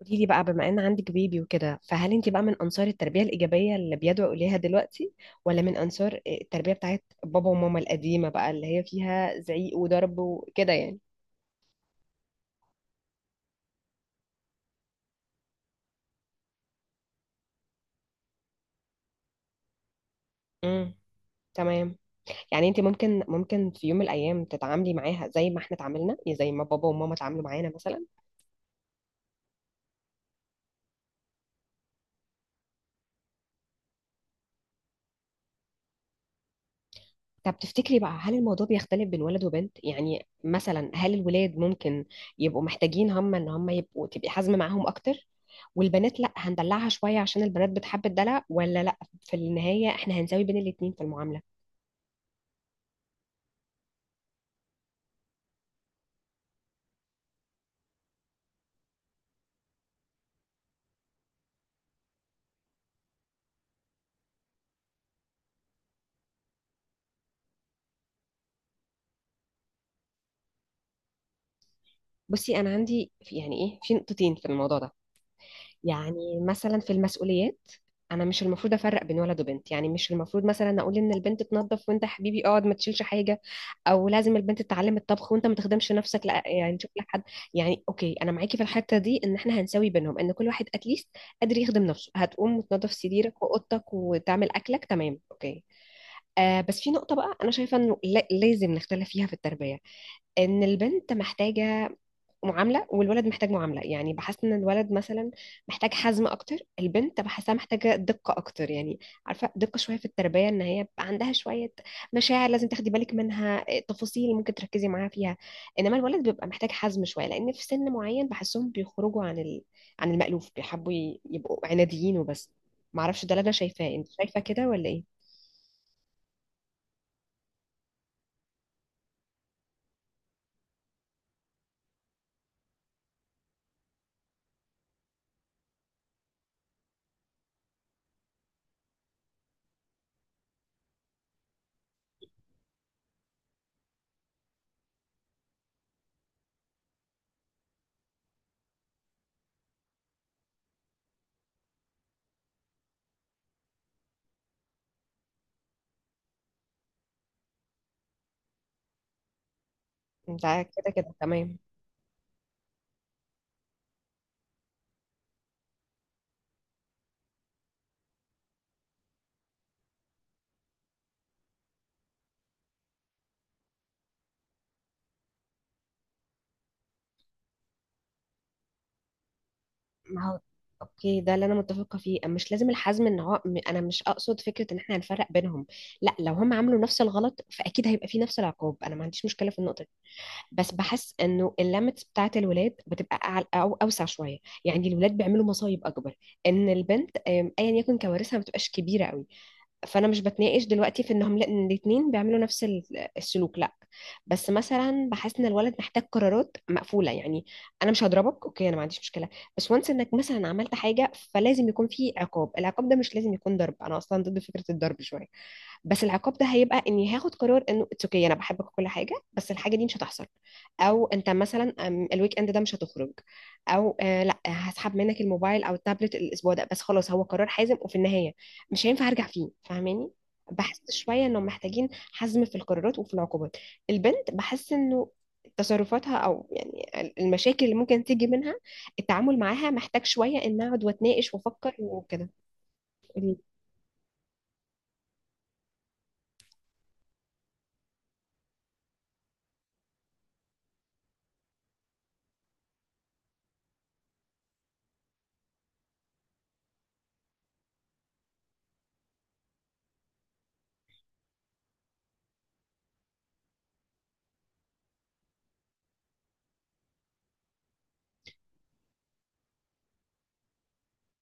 قولي لي بقى، بما ان عندك بيبي وكده، فهل انت بقى من انصار التربيه الايجابيه اللي بيدعو اليها دلوقتي، ولا من انصار التربيه بتاعت بابا وماما القديمه بقى، اللي هي فيها زعيق وضرب وكده؟ يعني امم تمام. يعني انت ممكن في يوم من الايام تتعاملي معاها زي ما احنا اتعاملنا، يعني زي ما بابا وماما اتعاملوا معانا مثلا؟ طب تفتكري بقى، هل الموضوع بيختلف بين ولد وبنت؟ يعني مثلا هل الولاد ممكن يبقوا محتاجين هم ان هم يبقوا، تبقي حازمه معاهم اكتر، والبنات لا هندلعها شويه عشان البنات بتحب الدلع؟ ولا لا، في النهايه احنا هنساوي بين الاتنين في المعامله؟ بصي، انا عندي في يعني ايه، في نقطتين في الموضوع ده. يعني مثلا في المسؤوليات، انا مش المفروض افرق بين ولد وبنت. يعني مش المفروض مثلا اقول ان البنت تنظف، وانت يا حبيبي اقعد ما تشيلش حاجه، او لازم البنت تتعلم الطبخ وانت ما تخدمش نفسك. لا، يعني تشوف لك حد. يعني اوكي، انا معاكي في الحته دي، ان احنا هنساوي بينهم، ان كل واحد اتليست قادر يخدم نفسه. هتقوم وتنظف سريرك واوضتك وتعمل اكلك، تمام، اوكي. آه بس في نقطة بقى أنا شايفة إنه لازم نختلف فيها في التربية، إن البنت محتاجة معامله والولد محتاج معامله. يعني بحس ان الولد مثلا محتاج حزم اكتر، البنت بحسها محتاجه دقه اكتر، يعني عارفه، دقه شويه في التربيه، ان هي بقى عندها شويه مشاعر لازم تاخدي بالك منها، تفاصيل ممكن تركزي معاها فيها. انما الولد بيبقى محتاج حزم شويه، لان في سن معين بحسهم بيخرجوا عن عن المألوف، بيحبوا يبقوا عناديين وبس. معرفش، ده اللي انا شايفاه، انت شايفه كده ولا ايه؟ انت كده كده تمام. ما هو اوكي، ده اللي انا متفقه فيه. مش لازم الحزم، ان هو انا مش اقصد فكره ان احنا هنفرق بينهم. لا، لو هم عملوا نفس الغلط فاكيد هيبقى فيه نفس العقاب، انا ما عنديش مشكله في النقطه دي. بس بحس انه الليميتس بتاعه الولاد بتبقى أعل او اوسع شويه. يعني الولاد بيعملوا مصايب اكبر، ان البنت ايا يكن كوارثها ما بتبقاش كبيره قوي. فانا مش بتناقش دلوقتي في انهم ان الاتنين بيعملوا نفس السلوك، لا. بس مثلا بحس ان الولد محتاج قرارات مقفوله. يعني انا مش هضربك اوكي، انا ما عنديش مشكله. بس وانس انك مثلا عملت حاجه، فلازم يكون في عقاب. العقاب ده مش لازم يكون ضرب، انا اصلا ضد فكره الضرب شويه. بس العقاب ده هيبقى اني هاخد قرار انه اتس اوكي، انا بحبك وكل حاجه، بس الحاجه دي مش هتحصل. او انت مثلا، الويك اند ده مش هتخرج، او آه لا، هسحب منك الموبايل او التابلت الاسبوع ده بس، خلاص. هو قرار حازم، وفي النهايه مش هينفع ارجع فيه، فاهماني؟ بحس شويه انه محتاجين حزم في القرارات وفي العقوبات. البنت بحس انه تصرفاتها، او يعني المشاكل اللي ممكن تيجي منها، التعامل معاها محتاج شويه ان اقعد واتناقش وافكر وكده.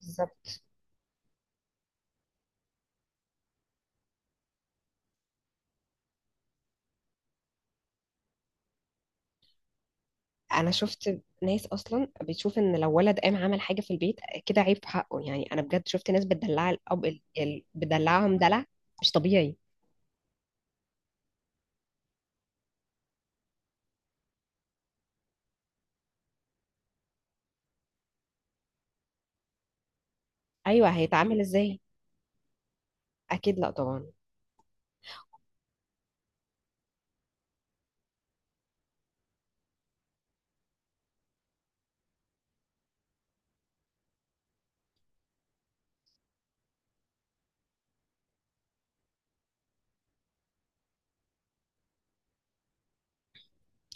بالظبط، انا شفت ناس اصلا بتشوف ان لو ولد قام عمل حاجه في البيت كده عيب في حقه. يعني انا بجد شفت ناس بتدلع الاب بتدلعهم دلع مش طبيعي. ايوه، هيتعامل ازاي؟ اكيد لا طبعا.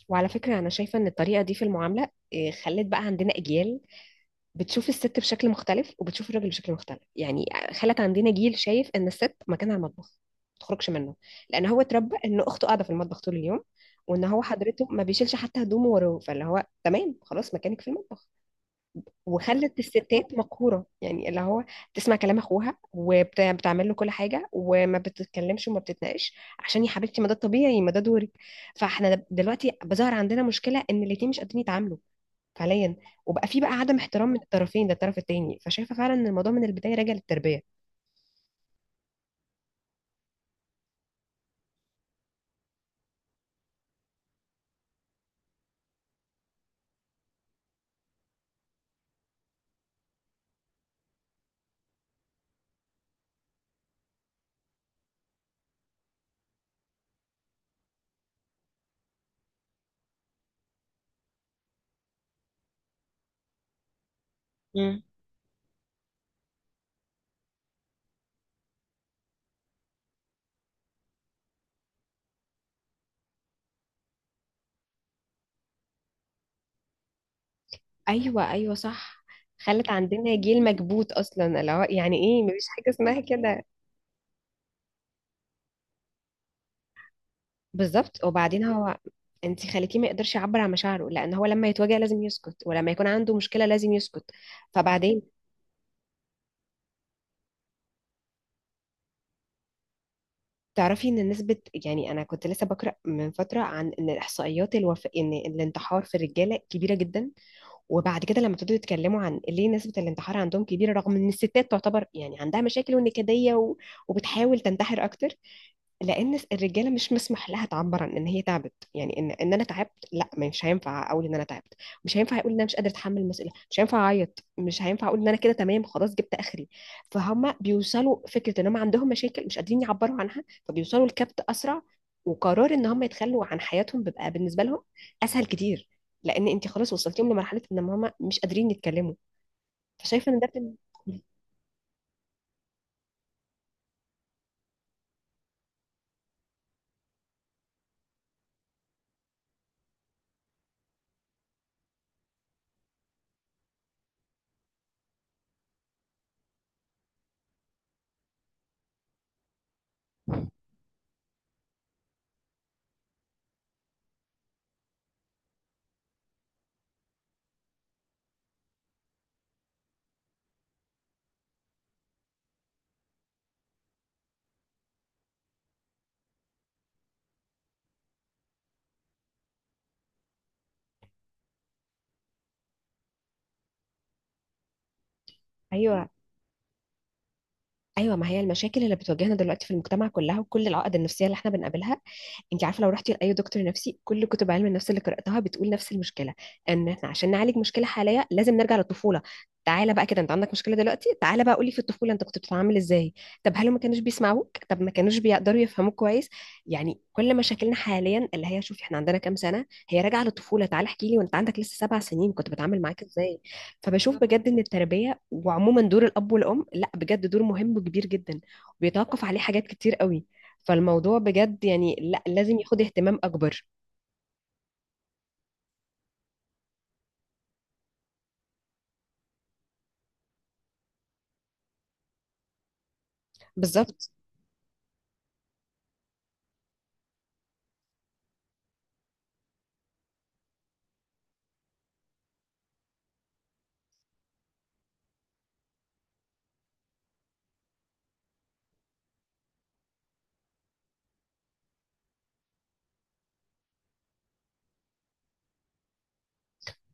وعلى فكره انا شايفه ان الطريقه دي في المعامله خلت بقى عندنا اجيال بتشوف الست بشكل مختلف وبتشوف الراجل بشكل مختلف. يعني خلت عندنا جيل شايف ان الست مكانها المطبخ، ما تخرجش منه. لان هو اتربى ان اخته قاعده في المطبخ طول اليوم، وان هو حضرته ما بيشيلش حتى هدومه وراه، فاللي هو تمام خلاص مكانك في المطبخ. وخلت الستات مقهورة، يعني اللي هو تسمع كلام اخوها وبتعمل له كل حاجة وما بتتكلمش وما بتتناقش، عشان يا حبيبتي، ما ده الطبيعي، ما ده دوري. فاحنا دلوقتي بظهر عندنا مشكلة ان الاتنين مش قادرين يتعاملوا فعليا، وبقى في بقى عدم احترام من الطرفين للطرف التاني. فشايفة فعلا ان الموضوع من البداية راجع للتربية. مم. ايوه ايوه، صح. خلت عندنا جيل مكبوت اصلا، اللي هو يعني ايه، مفيش حاجة اسمها كده. بالظبط. وبعدين هو انت خليتيه ما يقدرش يعبر عن مشاعره، لان هو لما يتوجع لازم يسكت، ولما يكون عنده مشكله لازم يسكت. فبعدين تعرفي ان نسبه، يعني انا كنت لسه بقرا من فتره عن ان الاحصائيات ان الانتحار في الرجاله كبيره جدا. وبعد كده لما ابتدوا يتكلموا عن ليه نسبه الانتحار عندهم كبيره، رغم ان الستات تعتبر يعني عندها مشاكل ونكديه وبتحاول تنتحر اكتر، لان الرجاله مش مسمح لها تعبر عن ان هي تعبت. يعني ان انا تعبت، لا، مش هينفع اقول ان انا تعبت، مش هينفع اقول ان انا مش قادره اتحمل المسؤوليه، مش هينفع اعيط، مش هينفع اقول ان انا كده تمام خلاص جبت اخري. فهم بيوصلوا فكره ان هم عندهم مشاكل مش قادرين يعبروا عنها، فبيوصلوا لكبت اسرع. وقرار ان هم يتخلوا عن حياتهم بيبقى بالنسبه لهم اسهل كتير، لان انت خلاص وصلتيهم لمرحله ان هم مش قادرين يتكلموا. فشايفه ان ده ايوه ايوه. ما هي المشاكل اللي بتواجهنا دلوقتي في المجتمع كلها، وكل العقد النفسيه اللي احنا بنقابلها، انت عارفه لو رحتي لاي دكتور نفسي، كل كتب علم النفس اللي قراتها بتقول نفس المشكله، ان احنا عشان نعالج مشكله حاليه لازم نرجع للطفوله. تعالى بقى كده، انت عندك مشكله دلوقتي، تعالى بقى قولي، في الطفوله انت كنت بتتعامل ازاي؟ طب هل ما كانوش بيسمعوك؟ طب ما كانوش بيقدروا يفهموك كويس؟ يعني كل مشاكلنا حاليا اللي هي، شوفي احنا عندنا كام سنه، هي راجعه للطفوله. تعالى احكي لي، وانت عندك لسه 7 سنين كنت بتعامل معاك ازاي؟ فبشوف بجد ان التربيه، وعموما دور الاب والام، لا بجد دور مهم وكبير جدا، وبيتوقف عليه حاجات كتير قوي. فالموضوع بجد يعني لا، لازم ياخد اهتمام اكبر. بالظبط،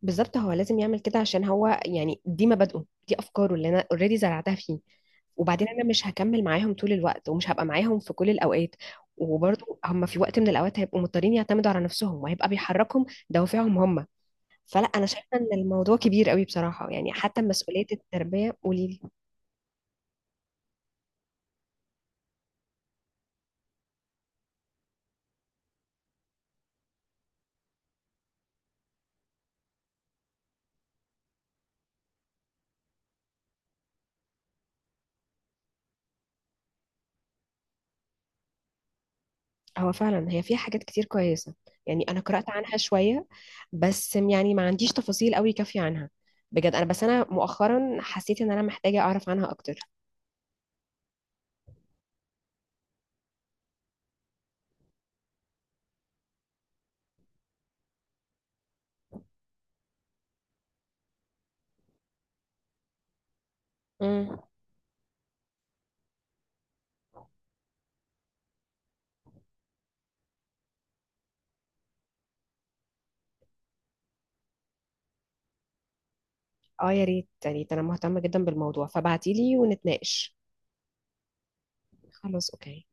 بالظبط. هو لازم يعمل كده عشان هو، يعني دي مبادئه، دي افكاره اللي انا اوريدي زرعتها فيه. وبعدين انا مش هكمل معاهم طول الوقت، ومش هبقى معاهم في كل الاوقات، وبرضه هم في وقت من الاوقات هيبقوا مضطرين يعتمدوا على نفسهم، وهيبقى بيحركهم دوافعهم هم. فلا، انا شايفه ان الموضوع كبير قوي بصراحه، يعني حتى مسؤوليه التربيه، قولي. هو فعلا هي فيها حاجات كتير كويسة. يعني أنا قرأت عنها شوية، بس يعني ما عنديش تفاصيل قوي كافية عنها. بجد أنا بس أنا مؤخرا حسيت إن أنا محتاجة أعرف عنها أكتر. امم اه، يا ريت يا ريت، أنا مهتمة جدا بالموضوع، فبعتيلي ونتناقش. خلاص أوكي.